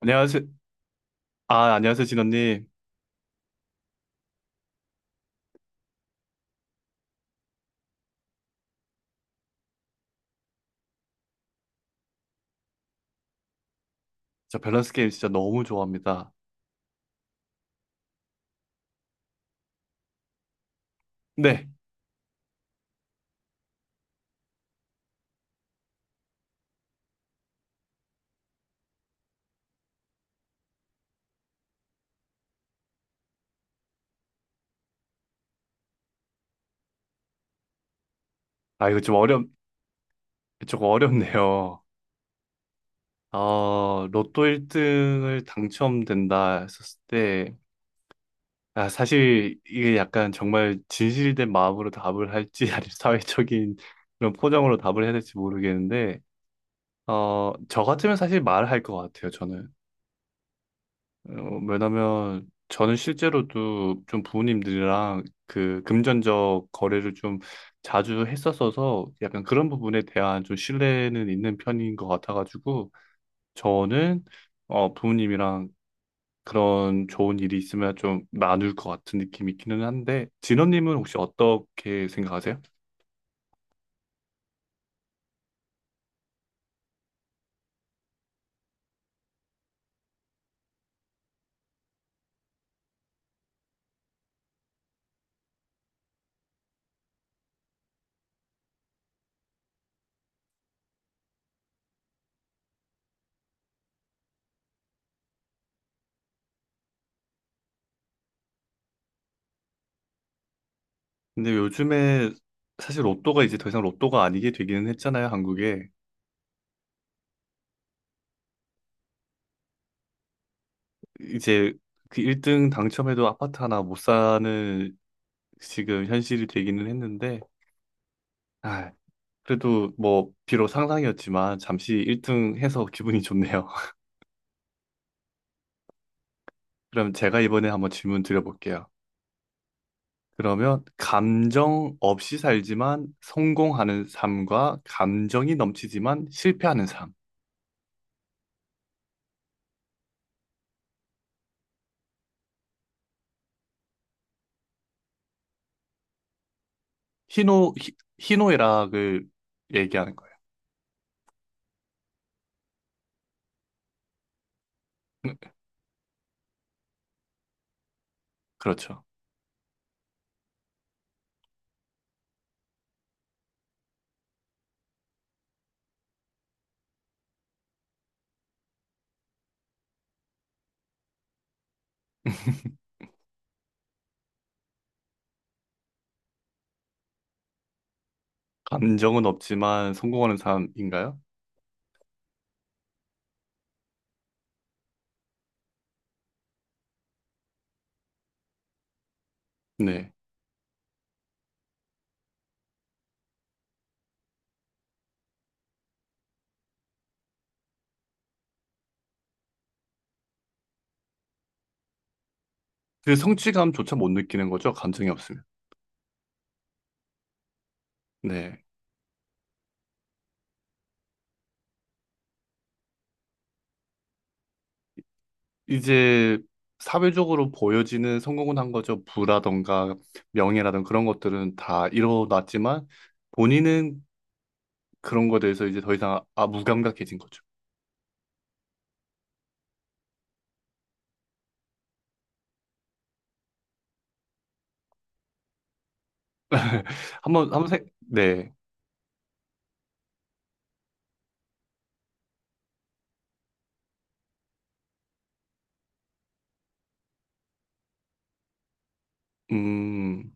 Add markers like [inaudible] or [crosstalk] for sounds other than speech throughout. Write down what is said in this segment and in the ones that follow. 안녕하세요. 아, 안녕하세요, 진원님. 저 밸런스 게임 진짜 너무 좋아합니다. 네. 아, 이거 좀 조금 어렵네요. 로또 1등을 당첨된다 했었을 때, 아, 사실 이게 약간 정말 진실된 마음으로 답을 할지, [laughs] 아니면 사회적인 그런 포장으로 답을 해야 될지 모르겠는데, 저 같으면 사실 말할 것 같아요, 저는. 왜냐면 저는 실제로도 좀 부모님들이랑 그 금전적 거래를 좀 자주 했었어서 약간 그런 부분에 대한 좀 신뢰는 있는 편인 것 같아가지고 저는 부모님이랑 그런 좋은 일이 있으면 좀 나눌 것 같은 느낌이 있기는 한데 진원님은 혹시 어떻게 생각하세요? 근데 요즘에 사실 로또가 이제 더 이상 로또가 아니게 되기는 했잖아요, 한국에. 이제 그 1등 당첨해도 아파트 하나 못 사는 지금 현실이 되기는 했는데, 아, 그래도 뭐, 비록 상상이었지만, 잠시 1등 해서 기분이 좋네요. [laughs] 그럼 제가 이번에 한번 질문 드려볼게요. 그러면, 감정 없이 살지만 성공하는 삶과 감정이 넘치지만 실패하는 삶. 희노애락을 얘기하는 거예요. 그렇죠. 감정은 없지만 성공하는 삶인가요? 네. 그 성취감조차 못 느끼는 거죠. 감정이 없으면. 네. 이제 사회적으로 보여지는 성공은 한 거죠. 부라던가 명예라던가 그런 것들은 다 이뤄놨지만 본인은 그런 거에 대해서 이제 더 이상 무감각해진 거죠. [laughs] 한번 한번 생 네. 음.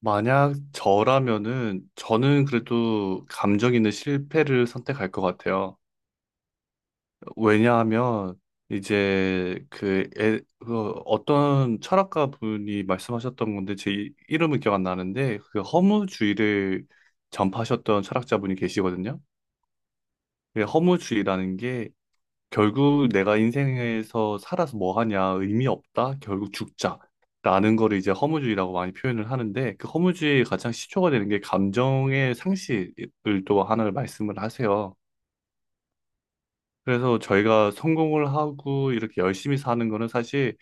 만약 저라면은 저는 그래도 감정 있는 실패를 선택할 것 같아요. 왜냐하면 이제 그 어떤 철학가 분이 말씀하셨던 건데 제 이름은 기억 안 나는데 그 허무주의를 전파하셨던 철학자분이 계시거든요. 그 허무주의라는 게 결국 내가 인생에서 살아서 뭐 하냐 의미 없다 결국 죽자 라는 거를 이제 허무주의라고 많이 표현을 하는데 그 허무주의의 가장 시초가 되는 게 감정의 상실을 또 하나를 말씀을 하세요. 그래서 저희가 성공을 하고 이렇게 열심히 사는 거는 사실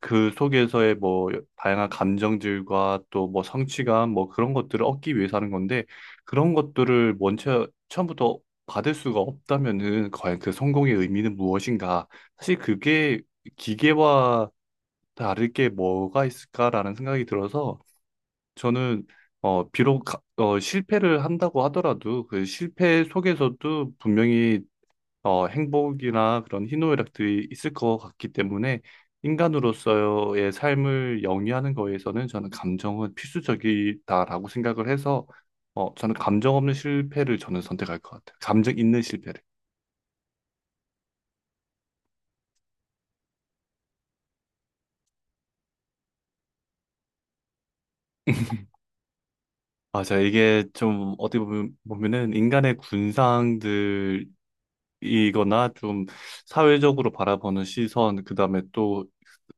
그 속에서의 뭐 다양한 감정들과 또 뭐 성취감 뭐 그런 것들을 얻기 위해서 하는 건데 그런 것들을 먼저 처음부터 받을 수가 없다면은 과연 그 성공의 의미는 무엇인가? 사실 그게 기계와 다를 게 뭐가 있을까라는 생각이 들어서 저는 비록 실패를 한다고 하더라도 그 실패 속에서도 분명히 행복이나 그런 희노애락들이 있을 것 같기 때문에 인간으로서의 삶을 영위하는 거에서는 저는 감정은 필수적이다라고 생각을 해서 저는 감정 없는 실패를 저는 선택할 것 같아요. 감정 있는 실패를. 맞아. 이게 좀 어떻게 보면은 인간의 군상들이거나 좀 사회적으로 바라보는 시선, 그 다음에 또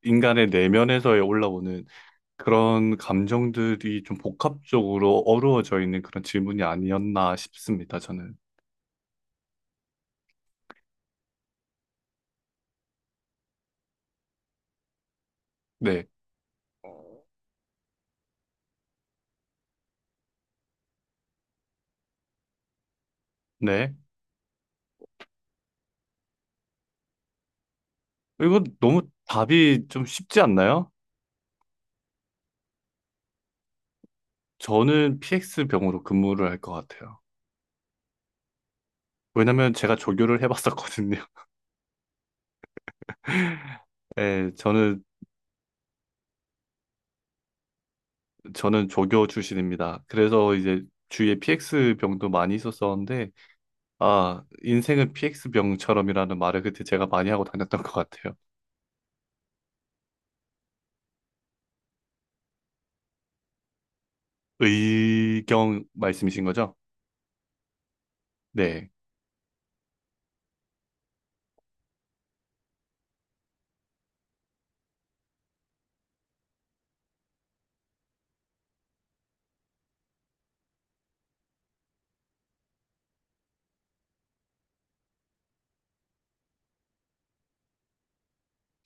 인간의 내면에서 올라오는 그런 감정들이 좀 복합적으로 어우러져 있는 그런 질문이 아니었나 싶습니다, 저는. 네. 네. 이거 너무 답이 좀 쉽지 않나요? 저는 PX 병으로 근무를 할 것 같아요. 왜냐면 제가 조교를 해봤었거든요. [laughs] 네, 저는 조교 출신입니다. 그래서 이제 주위에 PX 병도 많이 있었었는데, 아, 인생은 PX 병처럼이라는 말을 그때 제가 많이 하고 다녔던 것 같아요. 의경 말씀이신 거죠? 네.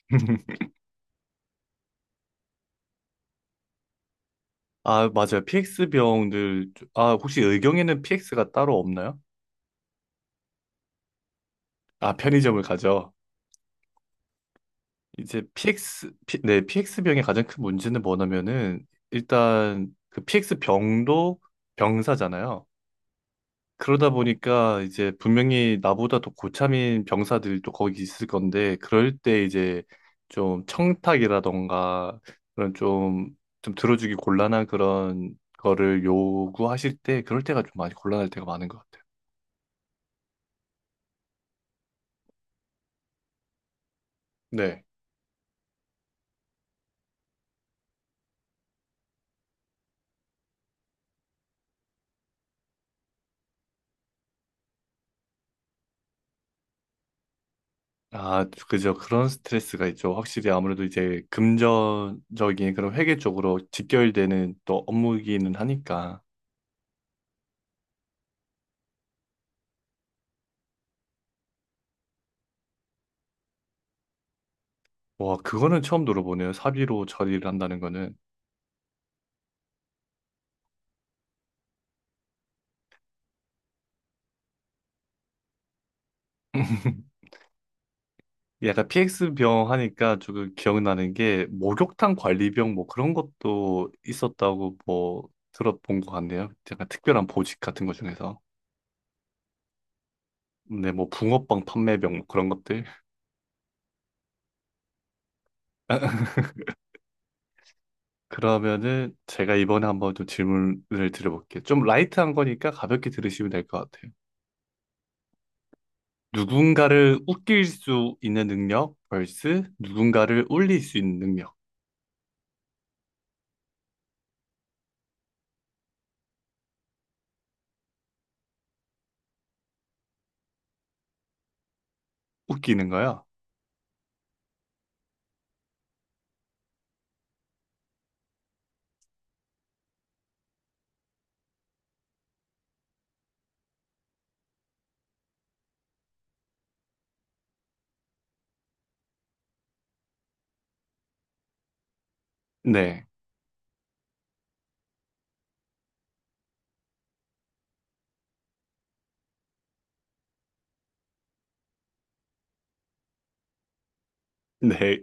[laughs] 아, 맞아요. PX 병들, 아, 혹시 의경에는 PX가 따로 없나요? 아, 편의점을 가죠. 이제 PX, 네, PX 병의 가장 큰 문제는 뭐냐면은, 일단 그 PX 병도 병사잖아요. 그러다 보니까 이제 분명히 나보다 더 고참인 병사들이 또 거기 있을 건데, 그럴 때 이제 좀 청탁이라던가, 그런 좀 들어주기 곤란한 그런 거를 요구하실 때, 그럴 때가 좀 많이 곤란할 때가 많은 것 같아요. 네. 아, 그죠. 그런 스트레스가 있죠. 확실히 아무래도 이제 금전적인 그런 회계 쪽으로 직결되는 또 업무이기는 하니까. 와, 그거는 처음 들어보네요. 사비로 처리를 한다는 거는. [laughs] 약간 PX 병 하니까 조금 기억나는 게 목욕탕 관리병 뭐 그런 것도 있었다고 뭐 들어본 것 같네요. 약간 특별한 보직 같은 것 중에서. 네, 뭐 붕어빵 판매병 뭐 그런 것들. [laughs] 그러면은 제가 이번에 한번 좀 질문을 드려볼게요. 좀 라이트한 거니까 가볍게 들으시면 될 것 같아요. 누군가를 웃길 수 있는 능력 vs 누군가를 울릴 수 있는 능력. 웃기는 거요? 네. 네.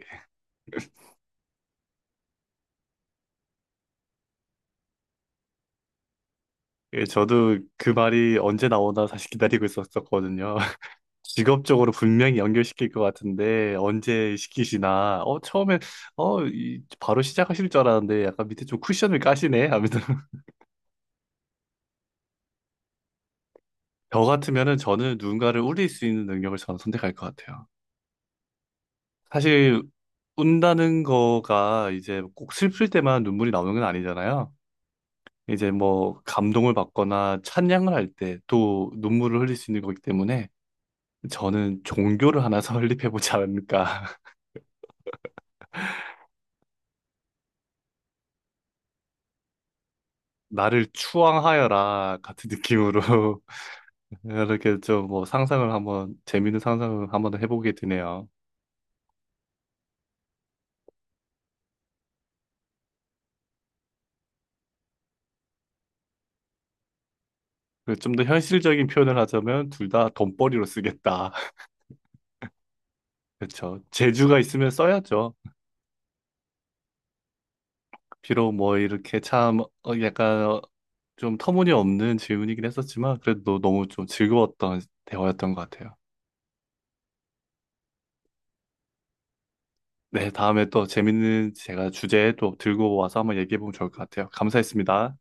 예, 저도 그 말이 언제 나오나 사실 기다리고 있었었거든요. [laughs] 직업적으로 분명히 연결시킬 것 같은데 언제 시키시나. 처음엔 바로 시작하실 줄 알았는데 약간 밑에 좀 쿠션을 까시네 하면서 저 같으면은 저는 누군가를 울릴 수 있는 능력을 저는 선택할 것 같아요. 사실 운다는 거가 이제 꼭 슬플 때만 눈물이 나오는 건 아니잖아요. 이제 뭐 감동을 받거나 찬양을 할 때 또 눈물을 흘릴 수 있는 거기 때문에 저는 종교를 하나 [laughs] 설립해 보지 않을까. [laughs] 나를 추앙하여라 같은 느낌으로 [laughs] 이렇게 좀 뭐 상상을 한번 재밌는 상상을 한번 해보게 되네요. 좀 더 현실적인 표현을 하자면 둘 다 돈벌이로 쓰겠다. 그렇죠. 재주가 있으면 써야죠. 비록 뭐 이렇게 참 좀 터무니없는 질문이긴 했었지만 그래도 너무 좀 즐거웠던 대화였던 것 같아요. 네, 다음에 또 재밌는 제가 주제 또 들고 와서 한번 얘기해보면 좋을 것 같아요. 감사했습니다.